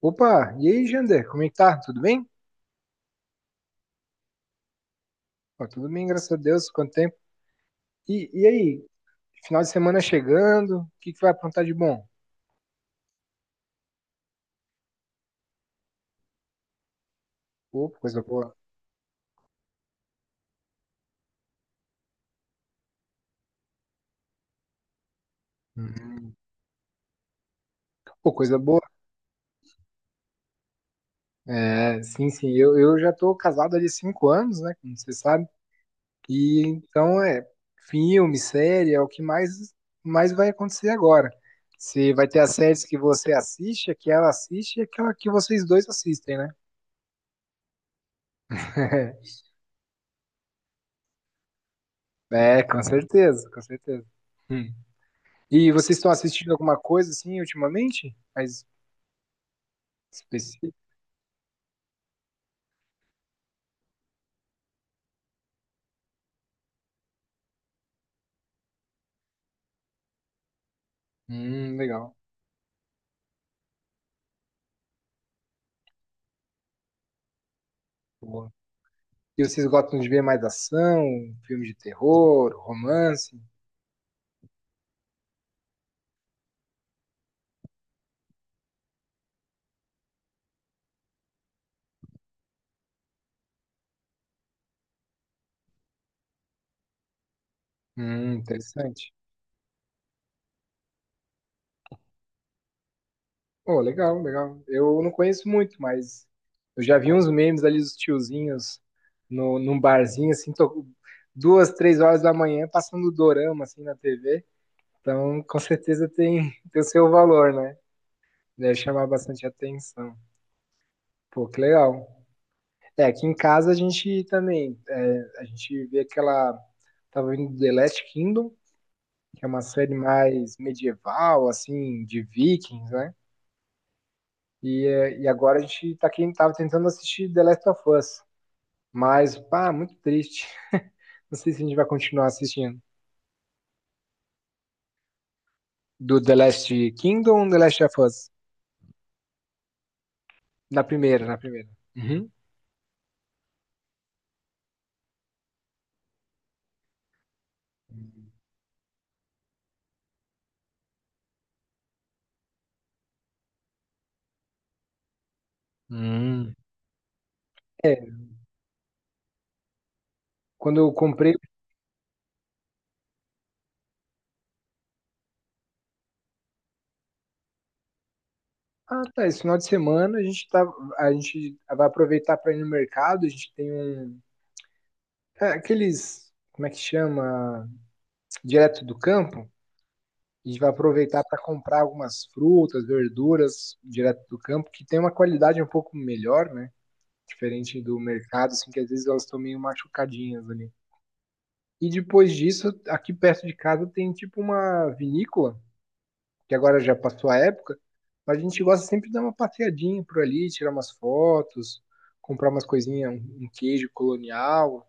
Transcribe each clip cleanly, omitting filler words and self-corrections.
Opa, e aí, Jander? Como é que tá? Tudo bem? Ó, tudo bem, graças a Deus. Quanto tempo? E aí, final de semana chegando, o que que vai aprontar de bom? Pô, coisa boa. Uhum. Pô, coisa boa. É, sim, sim, eu já tô casado ali há 5 anos, né? Como você sabe. E então é filme, série, é o que mais, mais vai acontecer agora. Você vai ter as séries que você assiste, a que ela assiste e aquela que vocês dois assistem, né? É, com certeza, com certeza. Hum. E vocês estão assistindo alguma coisa assim ultimamente? Mais específica? Legal. Boa. E vocês gostam de ver mais ação, filme de terror, romance? Interessante. Oh, legal, legal. Eu não conheço muito, mas eu já vi uns memes ali dos tiozinhos no, num barzinho, assim, duas, três horas da manhã, passando dorama, assim, na TV. Então, com certeza tem, tem o seu valor, né? Deve chamar bastante atenção. Pô, que legal. É, aqui em casa a gente também, é, a gente vê aquela, tava vendo The Last Kingdom, que é uma série mais medieval, assim, de vikings, né? E, é, e agora a gente tá aqui, tava tentando assistir The Last of Us, mas, pá, muito triste. Não sei se a gente vai continuar assistindo. Do The Last Kingdom ou The Last of Us? Na primeira, na primeira. Uhum. Hum. É, quando eu comprei, ah, tá, esse final de semana a gente tá, a gente vai aproveitar para ir no mercado, a gente tem um... É, aqueles, como é que chama? Direto do campo. A gente vai aproveitar para comprar algumas frutas, verduras direto do campo, que tem uma qualidade um pouco melhor, né? Diferente do mercado, assim, que às vezes elas estão meio machucadinhas ali. E depois disso, aqui perto de casa tem tipo uma vinícola, que agora já passou a época, mas a gente gosta sempre de dar uma passeadinha por ali, tirar umas fotos, comprar umas coisinhas, um queijo colonial,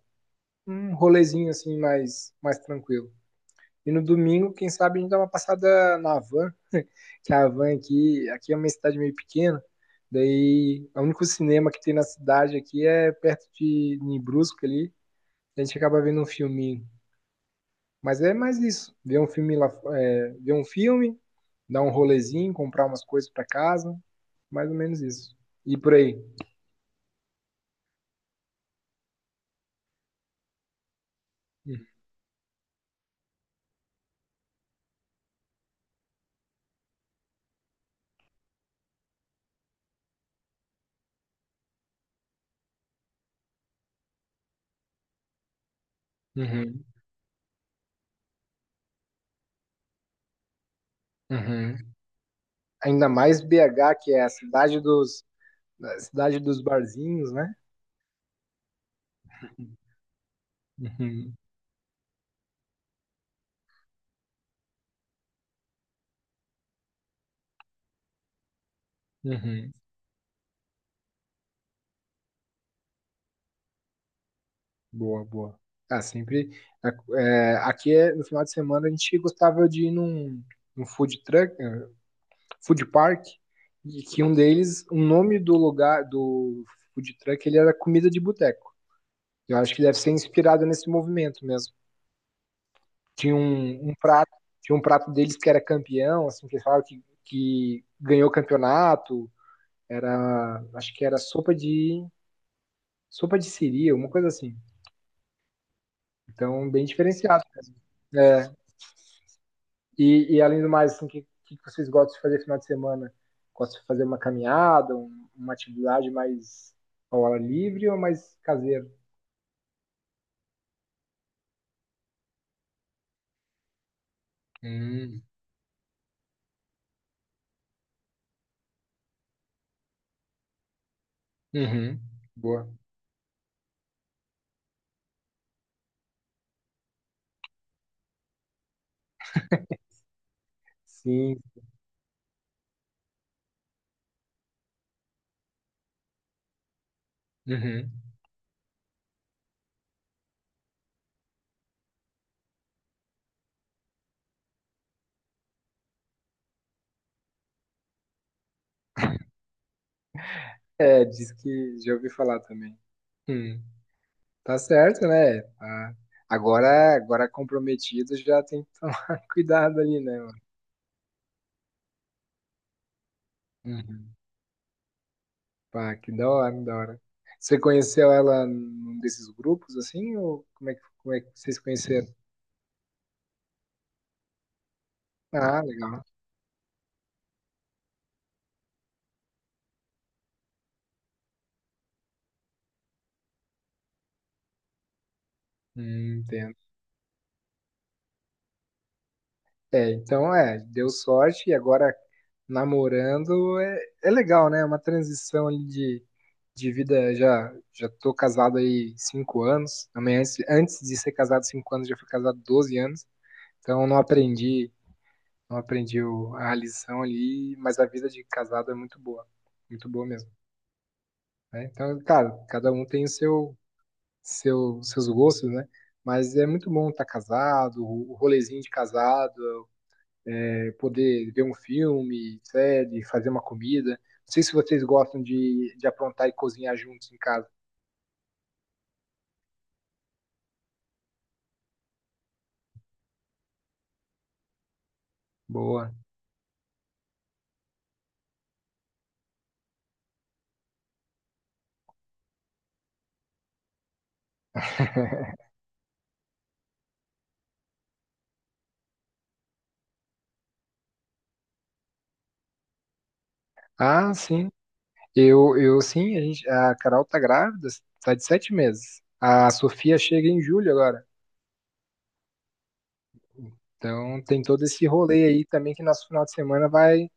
um rolezinho assim mais, mais tranquilo. E no domingo, quem sabe, a gente dá uma passada na van, que a van aqui, aqui é uma cidade meio pequena. Daí, é o único cinema que tem na cidade aqui é perto de em Brusque ali. A gente acaba vendo um filminho. Mas é mais isso. Ver um filme lá, é, ver um filme, dar um rolezinho, comprar umas coisas para casa, mais ou menos isso. E por aí. Uhum, uhum. Ainda mais BH, que é a cidade dos barzinhos, né? Uhum, uhum. Boa, boa. Ah, sempre. É, é, aqui é, no final de semana a gente gostava de ir num, num food truck, eh, food park, e que um deles, o nome do lugar do food truck, ele era comida de boteco. Eu acho que deve ser inspirado nesse movimento mesmo. Tinha um, um prato, tinha um prato deles que era campeão, assim, que eles falavam que ganhou o campeonato. Era, acho que era sopa de siri, uma coisa assim. Então, bem diferenciado mesmo. É, e além do mais, assim, o que, que vocês gostam de fazer no final de semana? Gostam de fazer uma caminhada, uma atividade mais ao ar livre ou mais caseira? Hum, uhum, boa. Sim, uhum. É, diz que já ouvi falar também. Hum, tá certo, né? Tá. Agora, agora comprometido já tem que tomar cuidado ali, né? Mano? Uhum. Pá, que da hora, da hora. Você conheceu ela num desses grupos assim, ou como é que vocês conheceram? Ah, legal. Entendo. É, então é, deu sorte e agora namorando é, é legal, né? É uma transição ali de vida. Já já tô casado aí 5 anos. Também antes, antes de ser casado 5 anos, já fui casado 12 anos. Então não aprendi, não aprendi a lição ali, mas a vida de casado é muito boa mesmo. Né? Então, cara, cada um tem o seu, seu, seus gostos, né? Mas é muito bom estar casado, o rolezinho de casado. Poder ver um filme, série, fazer uma comida. Não sei se vocês gostam de aprontar e cozinhar juntos em casa. Boa. Ah, sim. Eu sim, a gente, a Carol tá grávida, tá de 7 meses. A Sofia chega em julho agora. Então tem todo esse rolê aí também que nosso final de semana vai,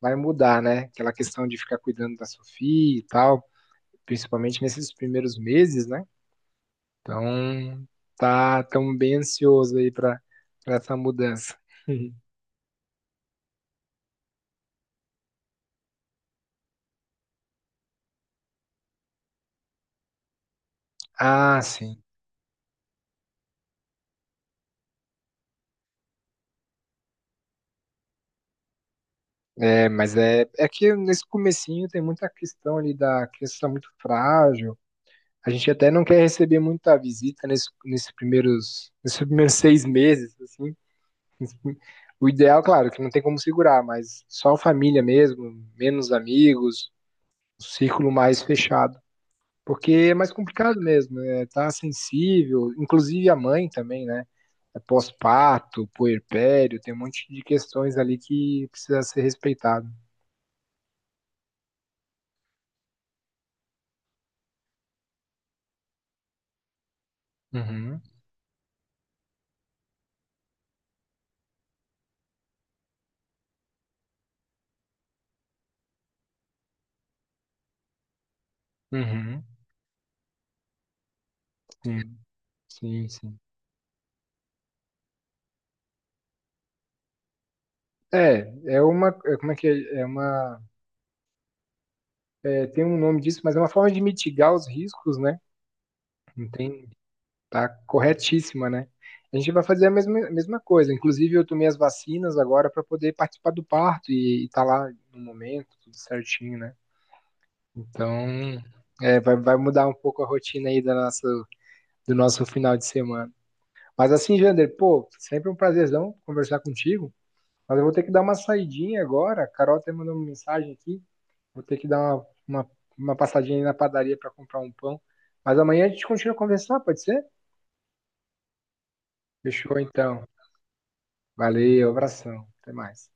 vai mudar, né? Aquela questão de ficar cuidando da Sofia e tal, principalmente nesses primeiros meses, né? Então tá tão bem ansioso aí para essa mudança. Ah, sim. É, mas é, é que nesse comecinho tem muita questão ali da criança tá muito frágil. A gente até não quer receber muita visita nesse, nesses primeiros 6 meses, assim. O ideal, claro, que não tem como segurar, mas só a família mesmo, menos amigos, um círculo mais fechado. Porque é mais complicado mesmo, é, tá sensível, inclusive a mãe também, né? É pós-parto, puerpério, tem um monte de questões ali que precisa ser respeitado. Uhum. Uhum. Sim, sim, sim. É, é uma, é, como é que é? É uma, é, tem um nome disso, mas é uma forma de mitigar os riscos, né? Não tem, tá corretíssima, né? A gente vai fazer a mesma coisa. Inclusive, eu tomei as vacinas agora para poder participar do parto e tá lá no momento, tudo certinho, né? Então, é, vai, vai mudar um pouco a rotina aí da nossa, do nosso final de semana. Mas assim, Jander, pô, sempre um prazerzão conversar contigo. Mas eu vou ter que dar uma saidinha agora. A Carol até mandou uma mensagem aqui. Vou ter que dar uma passadinha aí na padaria para comprar um pão. Mas amanhã a gente continua a conversar, pode ser? Fechou então. Valeu, abração. Até mais.